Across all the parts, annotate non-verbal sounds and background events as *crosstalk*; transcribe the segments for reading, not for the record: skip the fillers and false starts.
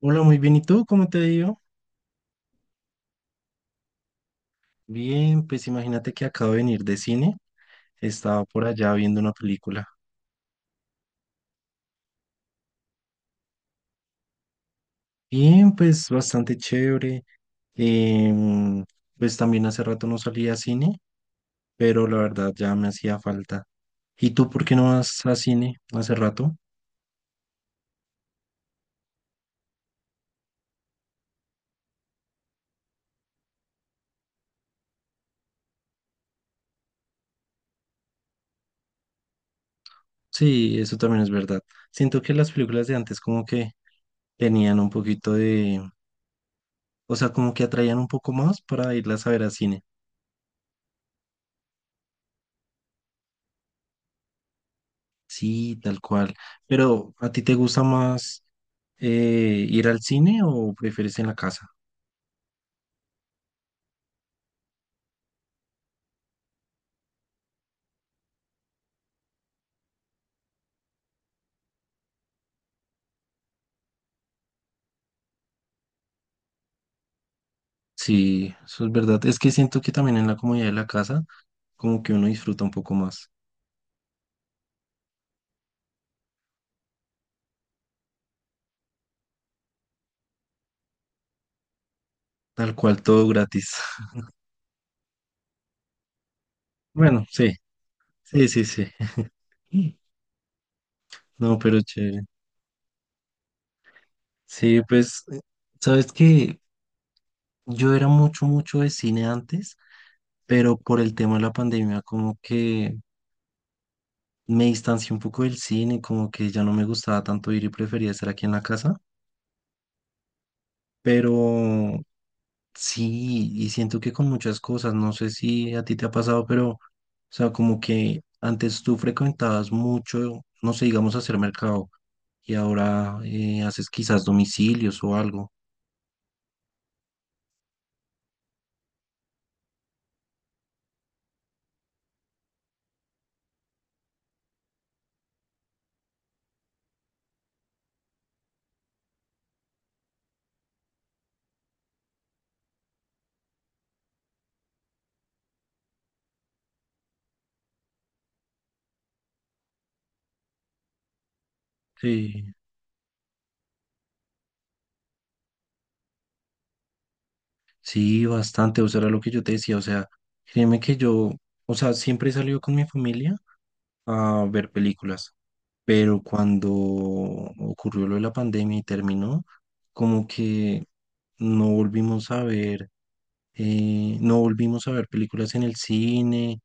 Hola, muy bien. ¿Y tú? ¿Cómo te ha ido? Bien, pues imagínate que acabo de venir de cine. Estaba por allá viendo una película. Bien, pues bastante chévere. Em, pues también hace rato no salía a cine, pero la verdad ya me hacía falta. ¿Y tú por qué no vas a cine hace rato? Sí, eso también es verdad. Siento que las películas de antes como que tenían un poquito de, o sea, como que atraían un poco más para irlas a ver a cine. Sí, tal cual. Pero, ¿a ti te gusta más ir al cine o prefieres en la casa? Sí, eso es verdad. Es que siento que también en la comodidad de la casa, como que uno disfruta un poco más. Tal cual, todo gratis. *laughs* Bueno, sí, sí, sí, sí. Mm. No, pero chévere. Sí, pues, sabes que yo era mucho, mucho de cine antes, pero por el tema de la pandemia, como que me distancié un poco del cine, como que ya no me gustaba tanto ir y prefería estar aquí en la casa. Pero sí, y siento que con muchas cosas, no sé si a ti te ha pasado, pero, o sea, como que antes tú frecuentabas mucho, no sé, digamos, hacer mercado, y ahora haces quizás domicilios o algo. Sí. Sí, bastante, o sea, era lo que yo te decía, o sea, créeme que yo, o sea, siempre he salido con mi familia a ver películas, pero cuando ocurrió lo de la pandemia y terminó, como que no volvimos a ver. No volvimos a ver películas en el cine,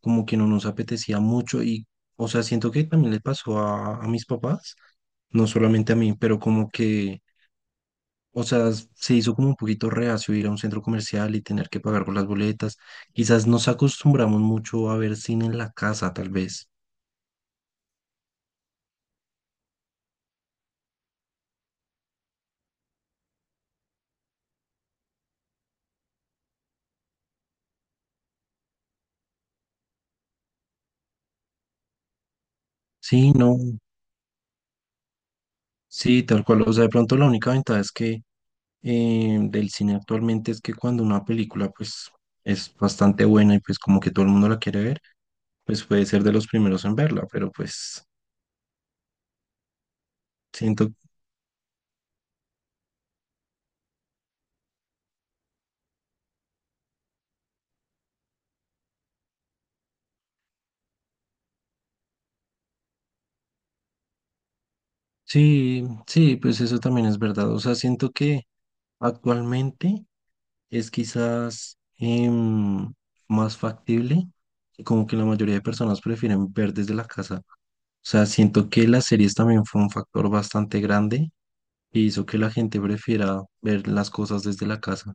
como que no nos apetecía mucho y, o sea, siento que también le pasó a mis papás, no solamente a mí, pero como que, o sea, se hizo como un poquito reacio ir a un centro comercial y tener que pagar por las boletas. Quizás nos acostumbramos mucho a ver cine en la casa, tal vez. Sí, no, sí, tal cual. O sea, de pronto la única ventaja es que del cine actualmente es que cuando una película pues es bastante buena y pues como que todo el mundo la quiere ver, pues puede ser de los primeros en verla, pero pues siento, sí, sí, pues eso también es verdad. O sea, siento que actualmente es quizás más factible y como que la mayoría de personas prefieren ver desde la casa. O sea, siento que las series también fue un factor bastante grande y hizo que la gente prefiera ver las cosas desde la casa.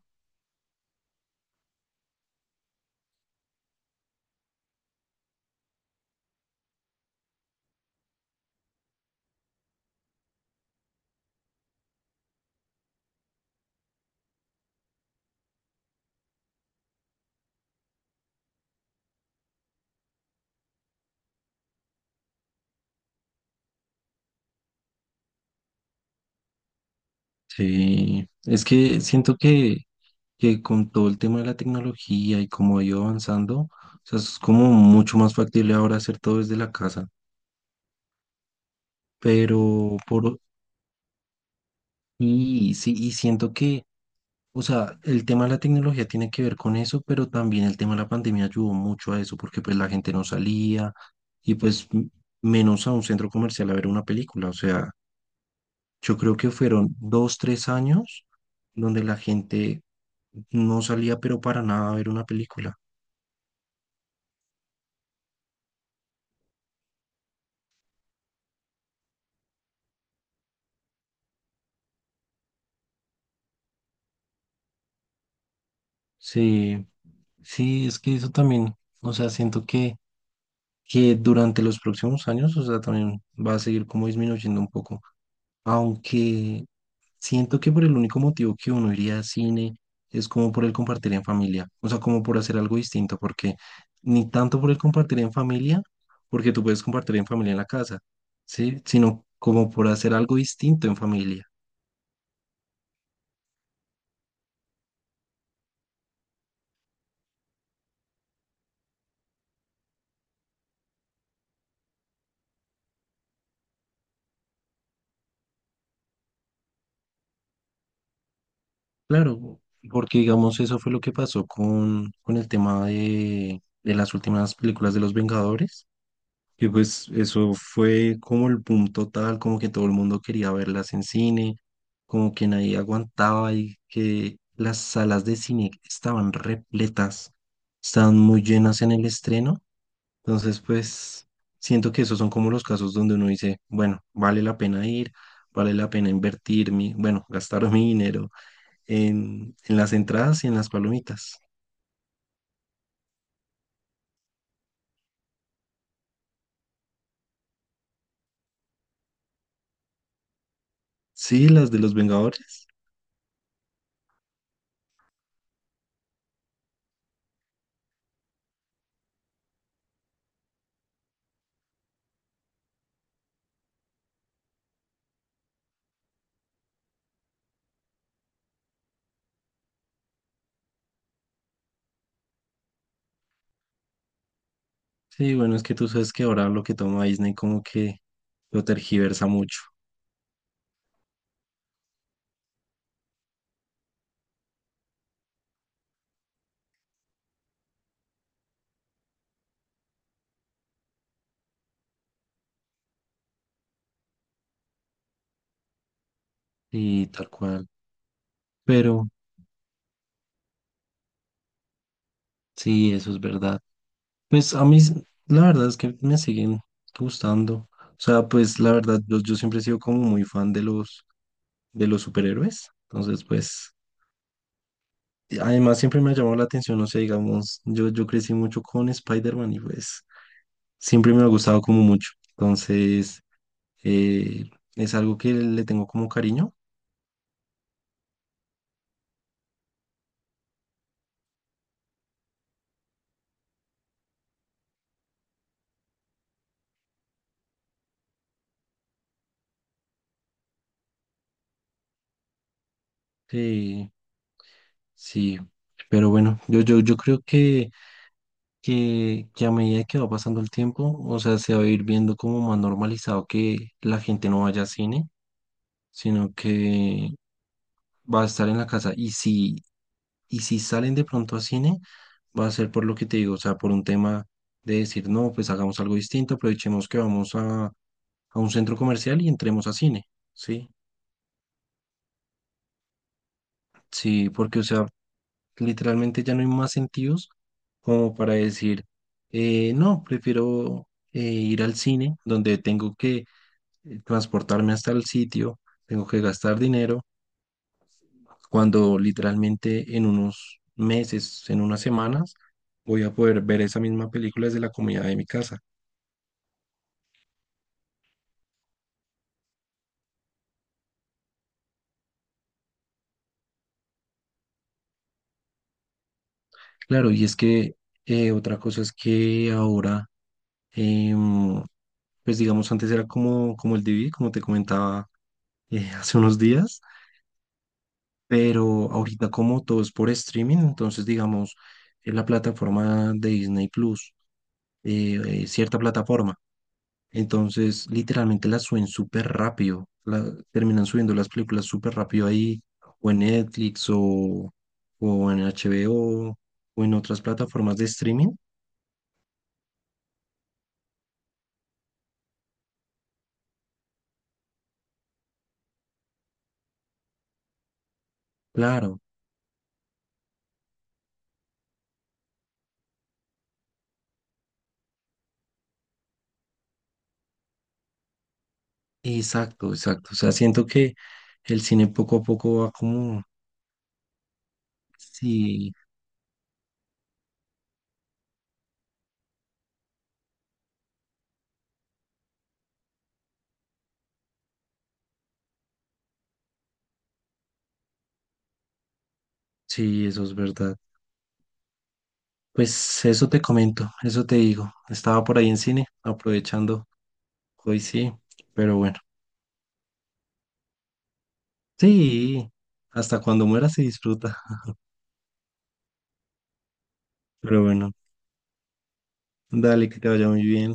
Sí, es que siento que con todo el tema de la tecnología y cómo ha ido avanzando, o sea, es como mucho más factible ahora hacer todo desde la casa. Pero por y sí, y siento que, o sea, el tema de la tecnología tiene que ver con eso, pero también el tema de la pandemia ayudó mucho a eso, porque pues la gente no salía y pues menos a un centro comercial a ver una película. O sea, yo creo que fueron dos, tres años donde la gente no salía, pero para nada a ver una película. Sí, sí, es que eso también, o sea, siento que durante los próximos años, o sea, también va a seguir como disminuyendo un poco. Aunque siento que por el único motivo que uno iría a cine es como por el compartir en familia, o sea, como por hacer algo distinto, porque ni tanto por el compartir en familia, porque tú puedes compartir en familia en la casa, ¿sí? Sino como por hacer algo distinto en familia. Claro, porque digamos eso fue lo que pasó con el tema de las últimas películas de Los Vengadores. Que pues eso fue como el boom total, como que todo el mundo quería verlas en cine, como que nadie aguantaba y que las salas de cine estaban repletas, estaban muy llenas en el estreno. Entonces, pues siento que esos son como los casos donde uno dice, bueno, vale la pena ir, vale la pena invertir mi, bueno, gastar *laughs* mi dinero en las entradas y en las palomitas. Sí, las de los Vengadores. Sí, bueno, es que tú sabes que ahora lo que toma Disney como que lo tergiversa mucho y tal cual. Pero sí, eso es verdad. Pues a mí, la verdad es que me siguen gustando. O sea, pues la verdad, yo siempre he sido como muy fan de los superhéroes. Entonces, pues, y además siempre me ha llamado la atención, o sea, digamos, yo crecí mucho con Spider-Man y pues siempre me ha gustado como mucho. Entonces, eh, es algo que le tengo como cariño. Sí, pero bueno, yo creo que a medida que va pasando el tiempo, o sea, se va a ir viendo como más normalizado que la gente no vaya a cine, sino que va a estar en la casa. Y si salen de pronto a cine, va a ser por lo que te digo, o sea, por un tema de decir, no, pues hagamos algo distinto, aprovechemos que vamos a un centro comercial y entremos a cine, ¿sí? Sí, porque, o sea, literalmente ya no hay más sentidos como para decir, no, prefiero ir al cine donde tengo que transportarme hasta el sitio, tengo que gastar dinero, cuando literalmente en unos meses, en unas semanas, voy a poder ver esa misma película desde la comodidad de mi casa. Claro, y es que otra cosa es que ahora, em, pues digamos, antes era como, como el DVD, como te comentaba *laughs* hace unos días pero ahorita como todo es por streaming, entonces digamos, en la plataforma de Disney Plus, cierta plataforma, entonces literalmente la suben súper rápido, la, terminan subiendo las películas súper rápido ahí, o en Netflix, o en HBO, o en otras plataformas de streaming, claro, exacto, exacto, o sea, siento que el cine poco a poco va como, sí, sí, eso es verdad. Pues eso te comento, eso te digo. Estaba por ahí en cine, aprovechando. Hoy sí, pero bueno. Sí, hasta cuando muera se disfruta. Pero bueno, dale, que te vaya muy bien.